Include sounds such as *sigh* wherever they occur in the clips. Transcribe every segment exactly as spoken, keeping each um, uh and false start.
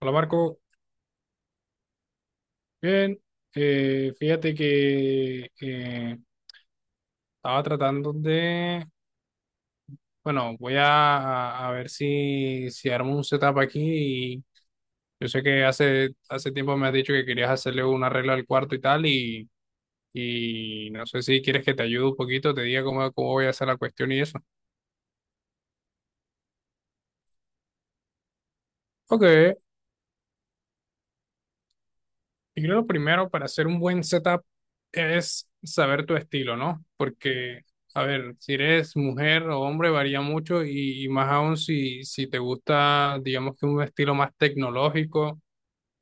Hola Marco, bien. Eh, fíjate que eh, estaba tratando de, bueno, voy a, a ver si, si armo un setup aquí, y yo sé que hace, hace tiempo me has dicho que querías hacerle un arreglo al cuarto y tal, y, y no sé si quieres que te ayude un poquito, te diga cómo, cómo voy a hacer la cuestión y eso. Ok. Yo creo lo primero para hacer un buen setup es saber tu estilo, ¿no? Porque, a ver, si eres mujer o hombre varía mucho, y, y más aún si, si te gusta, digamos, que un estilo más tecnológico,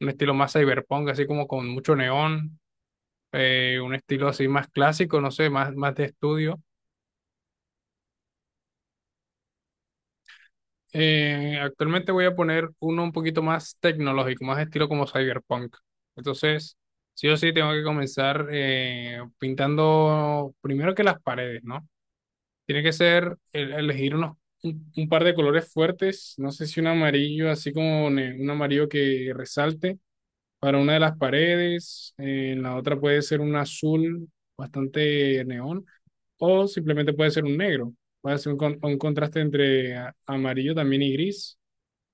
un estilo más cyberpunk, así como con mucho neón, eh, un estilo así más clásico, no sé, más, más de estudio. Eh, actualmente voy a poner uno un poquito más tecnológico, más estilo como cyberpunk. Entonces, sí o sí tengo que comenzar eh, pintando primero que las paredes, ¿no? Tiene que ser el- elegir unos, un, un par de colores fuertes, no sé si un amarillo, así como ne- un amarillo que resalte para una de las paredes, eh, en la otra puede ser un azul bastante neón, o simplemente puede ser un negro. Puede ser un, con- un contraste entre a- amarillo también y gris.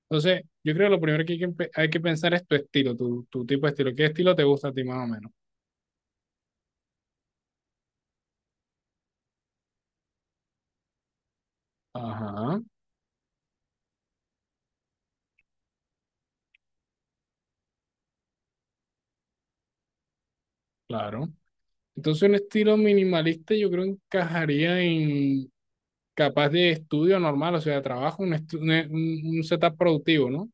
Entonces, yo creo que lo primero que hay que, empe- hay que pensar es tu estilo, tu, tu tipo de estilo. ¿Qué estilo te gusta a ti más o menos? Ajá, claro. Entonces, un estilo minimalista yo creo encajaría en capaz de estudio normal, o sea, de trabajo, un, estu- un, un- un setup productivo, ¿no?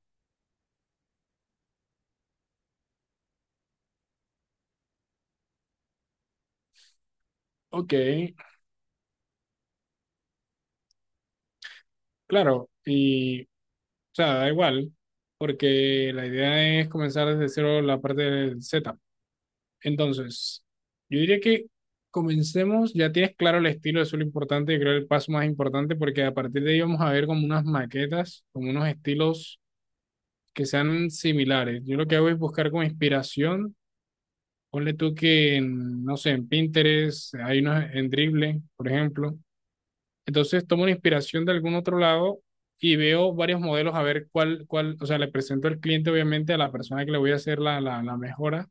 Ok, claro. Y, o sea, da igual, porque la idea es comenzar desde cero la parte del setup. Entonces, yo diría que comencemos, ya tienes claro el estilo, eso es lo importante, yo creo el paso más importante, porque a partir de ahí vamos a ver como unas maquetas, como unos estilos que sean similares. Yo lo que hago es buscar como inspiración, ponle tú que, en, no sé, en Pinterest, hay unos en Dribbble, por ejemplo. Entonces tomo una inspiración de algún otro lado y veo varios modelos a ver cuál, cuál, o sea, le presento al cliente, obviamente a la persona que le voy a hacer la, la, la mejora,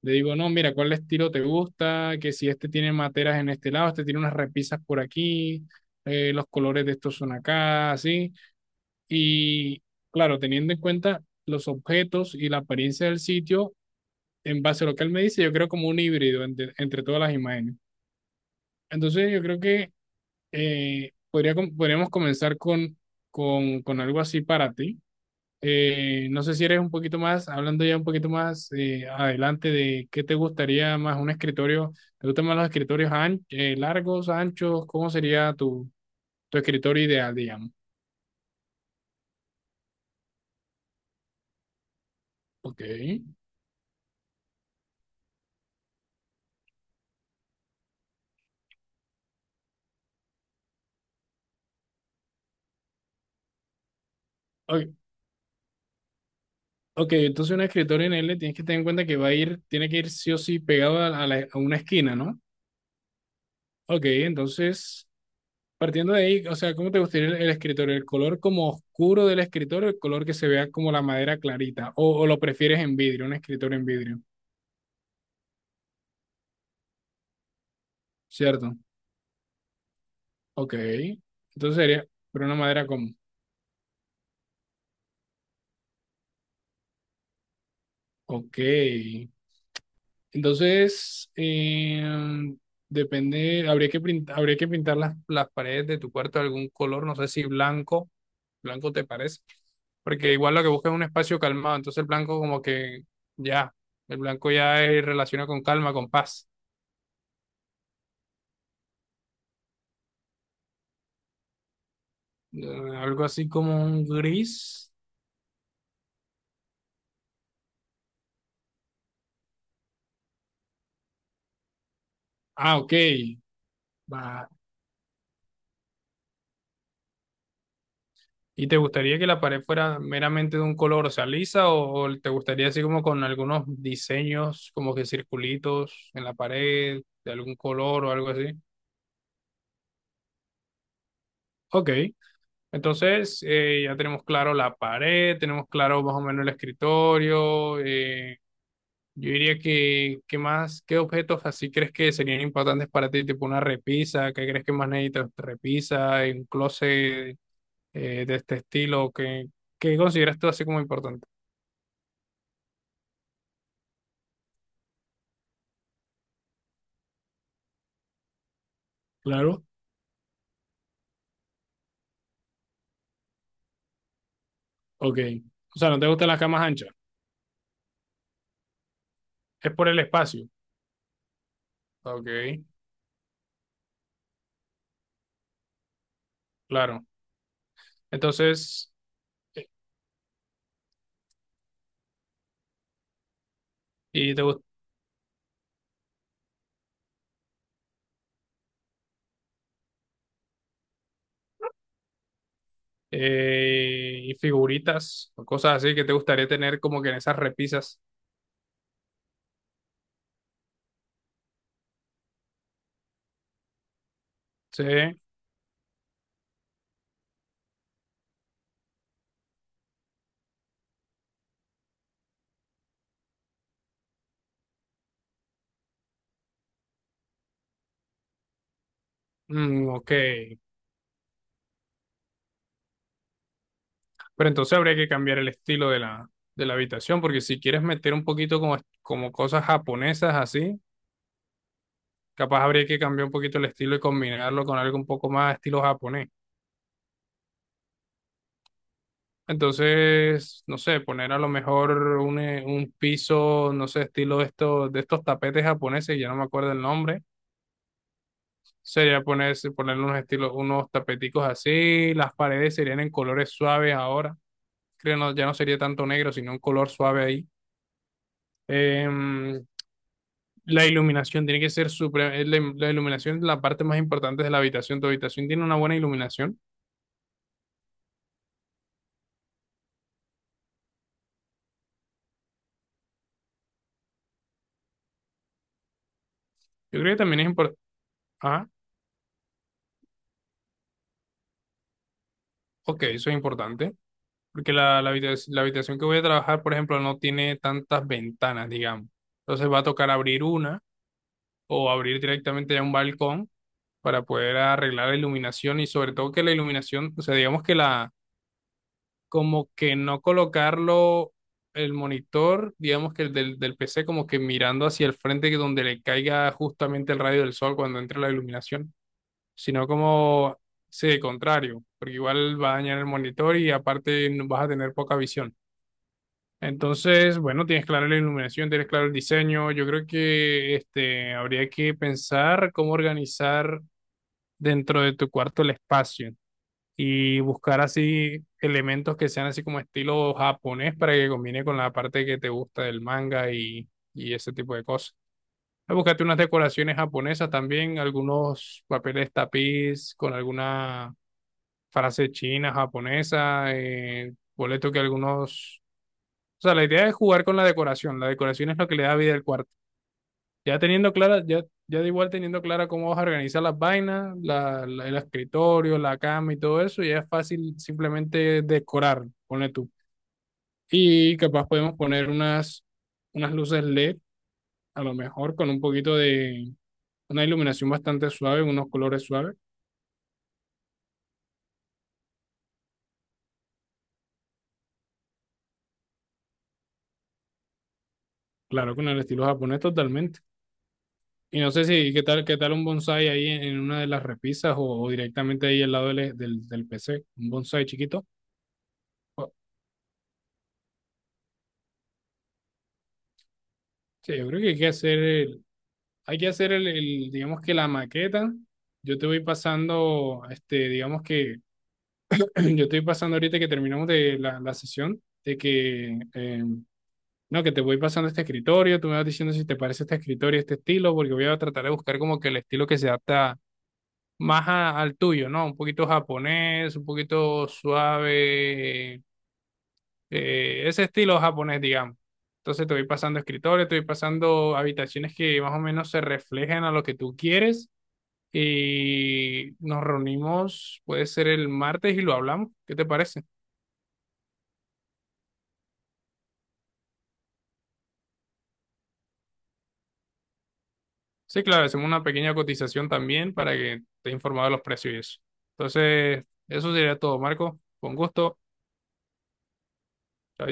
le digo, no, mira, ¿cuál estilo te gusta? Que si este tiene materas en este lado, este tiene unas repisas por aquí, eh, los colores de estos son acá, así. Y claro, teniendo en cuenta los objetos y la apariencia del sitio, en base a lo que él me dice, yo creo como un híbrido entre, entre todas las imágenes. Entonces, yo creo que eh, podría, com- podríamos comenzar con, con, con algo así para ti. Eh, no sé si eres un poquito más, hablando ya un poquito más eh, adelante de qué te gustaría más un escritorio. ¿Te gustan más los escritorios an- eh, largos, anchos? ¿Cómo sería tu, tu escritorio ideal, digamos? Ok. Ok, ok, entonces un escritorio en L, tienes que tener en cuenta que va a ir, tiene que ir sí o sí pegado a, la- a la- a una esquina, ¿no? Ok, entonces, partiendo de ahí, o sea, ¿cómo te gustaría el, el escritorio? ¿El color como oscuro del escritorio, el color que se vea como la madera clarita? ¿O, o lo prefieres en vidrio, un escritorio en vidrio? ¿Cierto? Ok, entonces sería, pero una madera común. Ok, entonces em, depende, habría que pintar, habría que pintar las, las paredes de tu cuarto de algún color, no sé si blanco, blanco te parece, porque igual lo que buscas es un espacio calmado, entonces el blanco como que ya, el blanco ya es relaciona con calma, con paz. Eh, Algo así como un gris. Ah, ok, ¿y te gustaría que la pared fuera meramente de un color, o sea, lisa, o, o te gustaría así como con algunos diseños, como que circulitos en la pared, de algún color o algo así? Ok, entonces eh, ya tenemos claro la pared, tenemos claro más o menos el escritorio. Eh, yo diría que, ¿qué más? ¿Qué objetos así crees que serían importantes para ti? Tipo una repisa, ¿qué crees que más necesitas? Repisa, eh, un closet, eh, de este estilo, ¿qué, qué consideras tú así como importante? Claro. Ok. O sea, no te gustan las camas anchas. Es por el espacio. Ok, claro. Entonces, eh, y te gust- eh, y figuritas o cosas así que te gustaría tener como que en esas repisas. Sí. Mm, ok. Pero entonces habría que cambiar el estilo de la, de la habitación, porque si quieres meter un poquito como, como cosas japonesas así, capaz habría que cambiar un poquito el estilo y combinarlo con algo un poco más estilo japonés. Entonces, no sé, poner a lo mejor un, eh, un piso, no sé, estilo de estos, de estos tapetes japoneses, ya no me acuerdo el nombre, sería ponerse, ponerle unos estilos, unos tapeticos así, las paredes serían en colores suaves ahora, creo no, ya no sería tanto negro, sino un color suave ahí. Em, la iluminación tiene que ser supre- eh, la, la iluminación es la parte más importante de la habitación, tu habitación tiene una buena iluminación, yo creo que también es importante, ah, ok, eso es importante. Porque la, la habitac- la habitación que voy a trabajar, por ejemplo, no tiene tantas ventanas, digamos. Entonces va a tocar abrir una o abrir directamente ya un balcón para poder arreglar la iluminación, y sobre todo que la iluminación, o sea, digamos que la, como que no colocarlo el monitor, digamos que el del, del P C, como que mirando hacia el frente, que donde le caiga justamente el rayo del sol cuando entre la iluminación, sino como, sí, contrario, porque igual va a dañar el monitor y aparte vas a tener poca visión. Entonces, bueno, tienes claro la iluminación, tienes claro el diseño. Yo creo que este, habría que pensar cómo organizar dentro de tu cuarto el espacio y buscar así elementos que sean así como estilo japonés, para que combine con la parte que te gusta del manga y, y ese tipo de cosas. Búscate unas decoraciones japonesas también, algunos papeles tapiz con alguna frase china, japonesa, eh, boleto que algunos, o sea, la idea es jugar con la decoración. La decoración es lo que le da vida al cuarto. Ya teniendo clara, ya, ya de igual teniendo clara cómo vas a organizar las vainas, la- la- el escritorio, la cama y todo eso, ya es fácil simplemente decorar, pone tú. Y capaz podemos poner unas, unas luces L E D, a lo mejor con un poquito de una iluminación bastante suave, unos colores suaves. Claro, con el estilo japonés totalmente. Y no sé si qué tal, qué tal un bonsai ahí en, en una de las repisas, o, o directamente ahí al lado del, del, del P C, un bonsai chiquito. Bueno, sí, yo creo que hay que hacer el, hay que hacer el, el, digamos, que la maqueta. Yo te voy pasando, este, digamos que *clears throat* yo te voy pasando ahorita que terminamos de la, la sesión, de que, eh, no, que te voy pasando este escritorio, tú me vas diciendo si te parece este escritorio, este estilo, porque voy a tratar de buscar como que el estilo que se adapta más a- al tuyo, ¿no? Un poquito japonés, un poquito suave, eh, ese estilo japonés, digamos. Entonces te voy pasando escritores, te voy pasando habitaciones que más o menos se reflejen a lo que tú quieres, y nos reunimos, puede ser el martes y lo hablamos. ¿Qué te parece? Sí, claro, hacemos una pequeña cotización también para que estés informado de los precios y eso. Entonces, eso sería todo, Marco. Con gusto. Chao.